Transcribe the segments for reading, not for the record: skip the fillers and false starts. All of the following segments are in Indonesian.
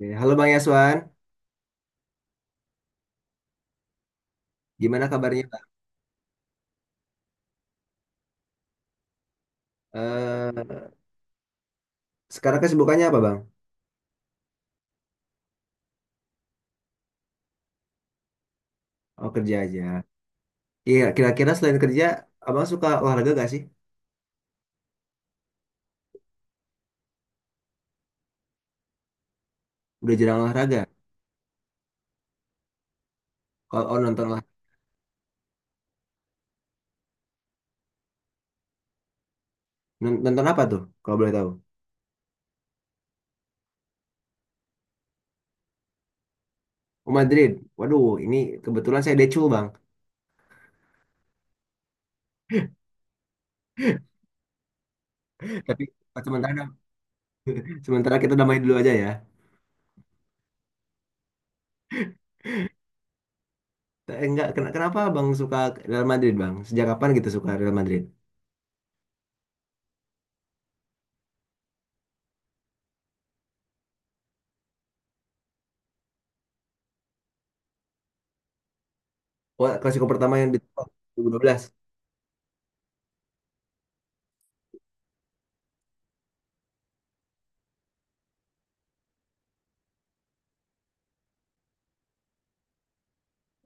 Oke, halo Bang Yaswan, gimana kabarnya Bang? Eh, Sekarang kesibukannya apa Bang? Oh, kerja aja. Iya, kira-kira selain kerja, Abang suka olahraga gak sih? Udah jarang olahraga. Kalau nonton lah, nonton apa tuh? Kalau boleh tahu? Oh, Madrid. Waduh, ini kebetulan saya decul Bang. Tapi oh, sementara sementara kita damai dulu aja ya. Enggak, kenapa Bang suka Real Madrid Bang? Sejak kapan gitu suka Real Madrid? Wah, Klasiko pertama yang 2012.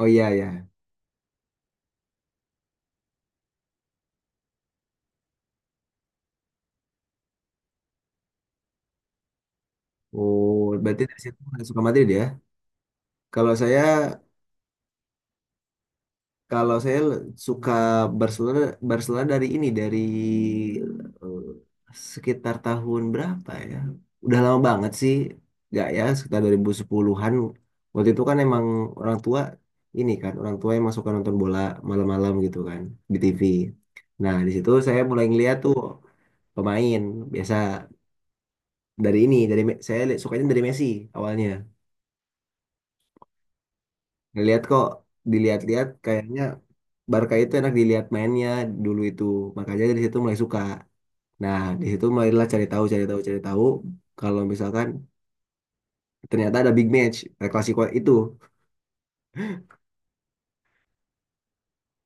Oh, iya ya. Oh, berarti dari situ udah suka Madrid ya. Kalau saya Kalau saya suka Barcelona, Barcelona dari eh, sekitar tahun berapa ya? Udah lama banget sih. Nggak ya, sekitar 2010-an. Waktu itu kan emang orang tua, orang tua emang suka nonton bola malam-malam gitu kan di TV. Nah, di situ saya mulai ngeliat tuh pemain biasa dari sukanya dari Messi awalnya. Ngeliat kok, dilihat-lihat kayaknya Barca itu enak dilihat mainnya dulu itu, makanya dari situ mulai suka. Nah, di situ mulailah cari tahu cari tahu cari tahu kalau misalkan ternyata ada big match, El Clasico itu.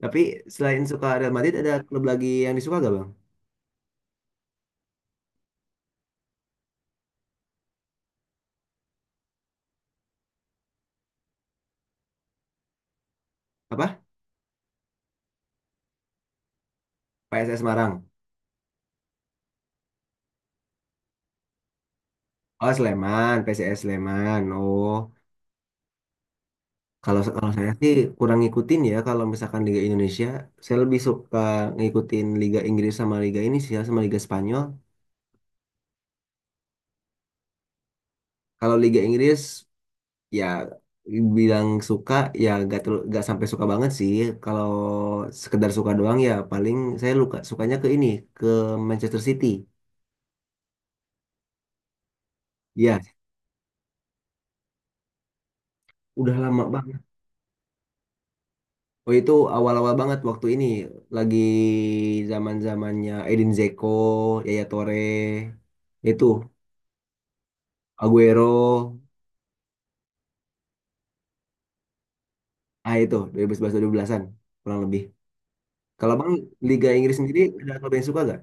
Tapi selain suka Real Madrid ada klub lagi yang disuka gak Bang? Apa? PSS Semarang, oh Sleman, PSS Sleman, oh. Kalau kalau saya sih kurang ngikutin ya, kalau misalkan Liga Indonesia, saya lebih suka ngikutin Liga Inggris sama Liga ini sih ya, sama Liga Spanyol. Kalau Liga Inggris, ya bilang suka ya gak terlalu, gak sampai suka banget sih. Kalau sekedar suka doang ya paling saya luka sukanya ke Manchester City. Ya, udah lama banget. Oh, itu awal-awal banget, waktu ini lagi zaman-zamannya Edin Dzeko, Yaya Toure, itu Aguero. Itu 2011, 2012-an, kurang lebih. Kalau Bang, Liga Inggris sendiri ada klub yang suka gak?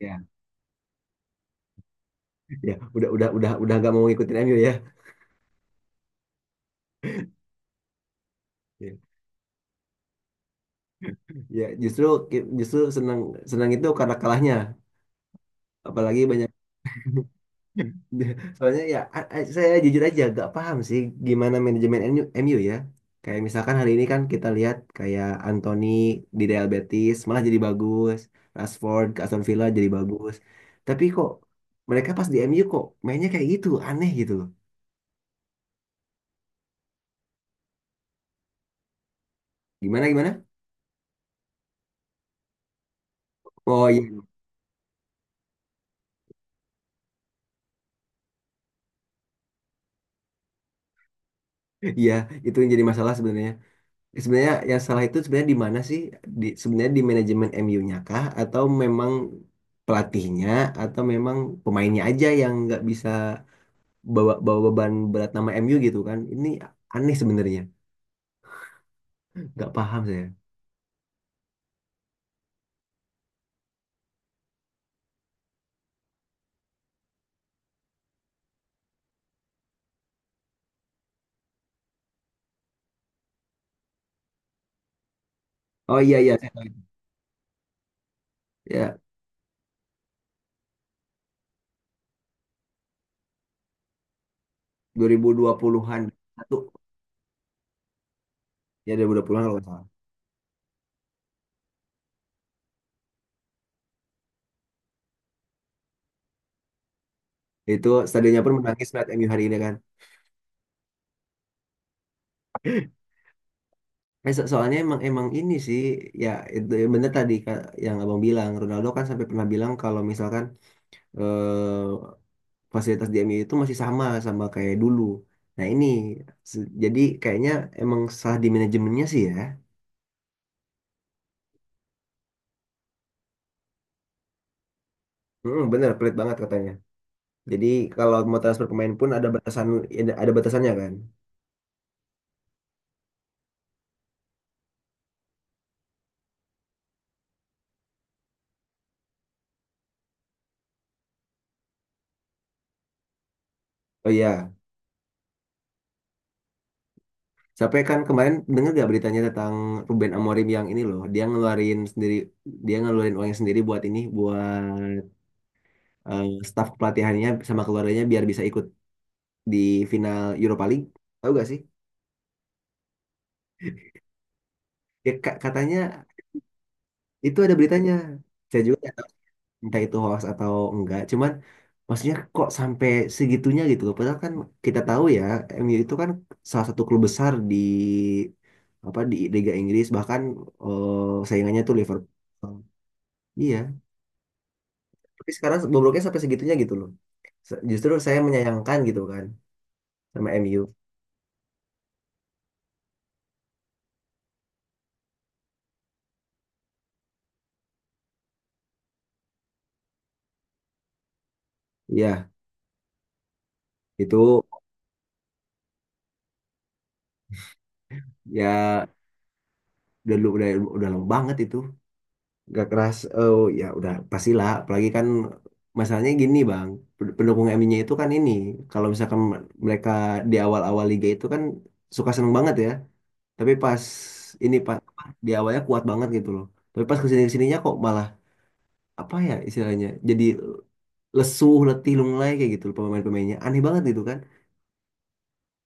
Ya, ya, udah nggak mau ngikutin MU, ya. Ya, justru justru senang, senang itu karena kalahnya. Apalagi banyak. Soalnya ya, saya jujur aja gak paham sih gimana manajemen MU, MU ya. Kayak misalkan hari ini kan kita lihat kayak Anthony di Real Betis malah jadi bagus, Rashford ke Aston Villa jadi bagus. Tapi kok mereka pas di MU kok mainnya kayak gitu, aneh gitu loh. Gimana gimana? Oh iya, iya itu yang jadi masalah sebenarnya. Sebenarnya yang salah itu sebenarnya di mana sih? Sebenarnya di manajemen MU-nya kah? Atau memang pelatihnya? Atau memang pemainnya aja yang nggak bisa bawa bawa beban berat nama MU gitu kan? Ini aneh sebenarnya. Nggak paham saya. Oh iya, iya, saya tahu. Ya, 2020-an, satu. Ya, 2020-an kalau nggak salah. Itu stadionnya pun menangis melihat MU hari ini kan. Soalnya emang emang ini sih ya, itu bener tadi Kak, yang Abang bilang Ronaldo kan sampai pernah bilang kalau misalkan, eh, fasilitas di MU itu masih sama sama kayak dulu. Nah ini, jadi kayaknya emang salah di manajemennya sih ya. Mm, bener, pelit banget katanya. Jadi kalau mau transfer pemain pun ada batasannya kan. Oh iya, sampai kan kemarin dengar gak beritanya tentang Ruben Amorim, yang ini loh, dia ngeluarin uangnya sendiri buat eh, staf pelatihannya sama keluarganya biar bisa ikut di final Europa League. Tahu gak sih? Ya, katanya itu ada beritanya. Saya juga entah itu hoax atau enggak, cuman maksudnya kok sampai segitunya gitu loh, padahal kan kita tahu ya, MU itu kan salah satu klub besar di Liga Inggris, bahkan saingannya tuh Liverpool. Iya, tapi sekarang bobroknya sampai segitunya gitu loh. Justru saya menyayangkan gitu kan sama MU. Iya itu, ya udah lu udah lama banget itu, gak keras. Oh, ya udah pastilah. Apalagi kan masalahnya gini Bang, pendukung MU-nya itu kan ini, kalau misalkan mereka di awal-awal liga itu kan suka seneng banget ya, tapi pas ini pas apa, di awalnya kuat banget gitu loh, tapi pas kesini kesininya kok malah, apa ya istilahnya, jadi lesuh letih lunglai kayak gitu loh, pemain-pemainnya aneh banget gitu kan.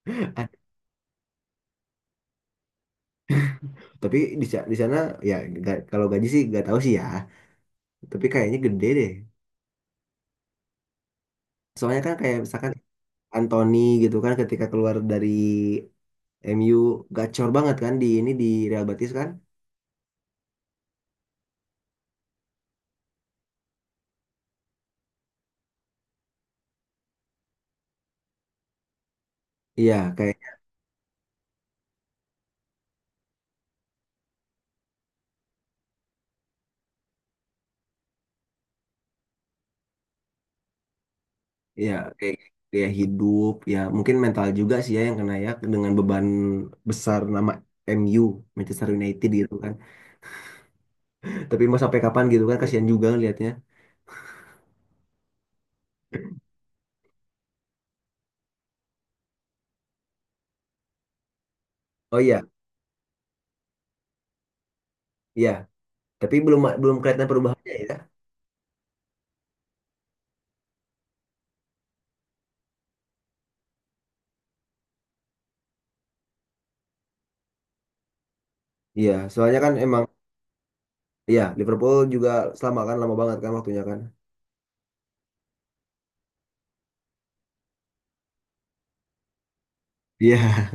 Tapi di sana ya kalau gaji sih gak tahu sih ya, tapi kayaknya gede deh, soalnya kan kayak misalkan Anthony gitu kan ketika keluar dari MU gacor banget kan di Real Betis kan? Iya, ya kayak dia hidup ya, mungkin mental juga sih ya yang kena ya, dengan beban besar nama MU, Manchester United gitu kan. Tapi mau sampai kapan gitu kan, kasihan juga lihatnya. Oh iya, iya. Tapi belum belum kelihatan perubahannya ya. Iya, soalnya kan emang, iya Liverpool juga, selama kan lama banget kan waktunya kan. Iya,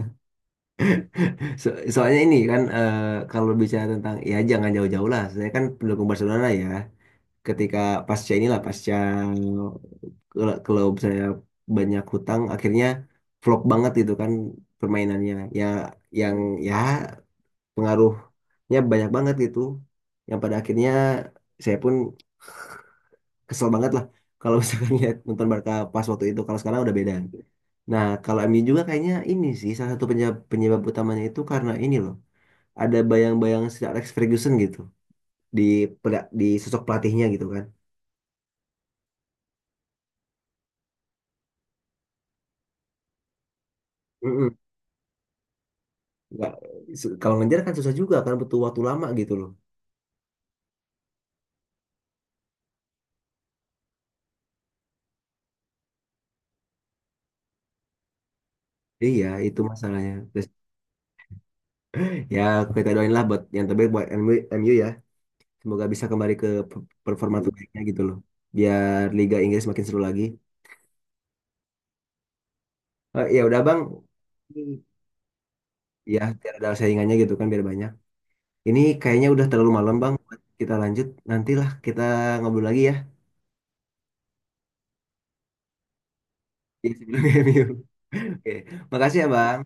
soalnya ini kan, kalau bicara tentang, ya jangan jauh-jauh lah. Saya kan pendukung Barcelona ya. Ketika pasca kalau kalau misalnya banyak hutang, akhirnya flop banget gitu kan permainannya, ya yang ya pengaruhnya banyak banget gitu, yang pada akhirnya saya pun kesel banget lah kalau misalkan lihat nonton Barca pas waktu itu. Kalau sekarang udah beda. Nah kalau MU juga kayaknya ini sih salah satu penyebab utamanya itu karena ini loh, ada bayang-bayang Sir Alex Ferguson gitu di di sosok pelatihnya gitu kan. Mm-mm. Nggak, kalau ngejar kan susah juga kan, butuh waktu lama gitu loh. Iya itu masalahnya terus. Ya, kita doain lah buat yang terbaik buat MU, ya semoga bisa kembali ke performa terbaiknya gitu loh, biar Liga Inggris makin seru lagi. Ya udah Bang, ya biar ada saingannya gitu kan, biar banyak. Ini kayaknya udah terlalu malam Bang, kita lanjut nantilah, kita ngobrol lagi ya. Di sebelum MU. Oke, makasih ya Bang.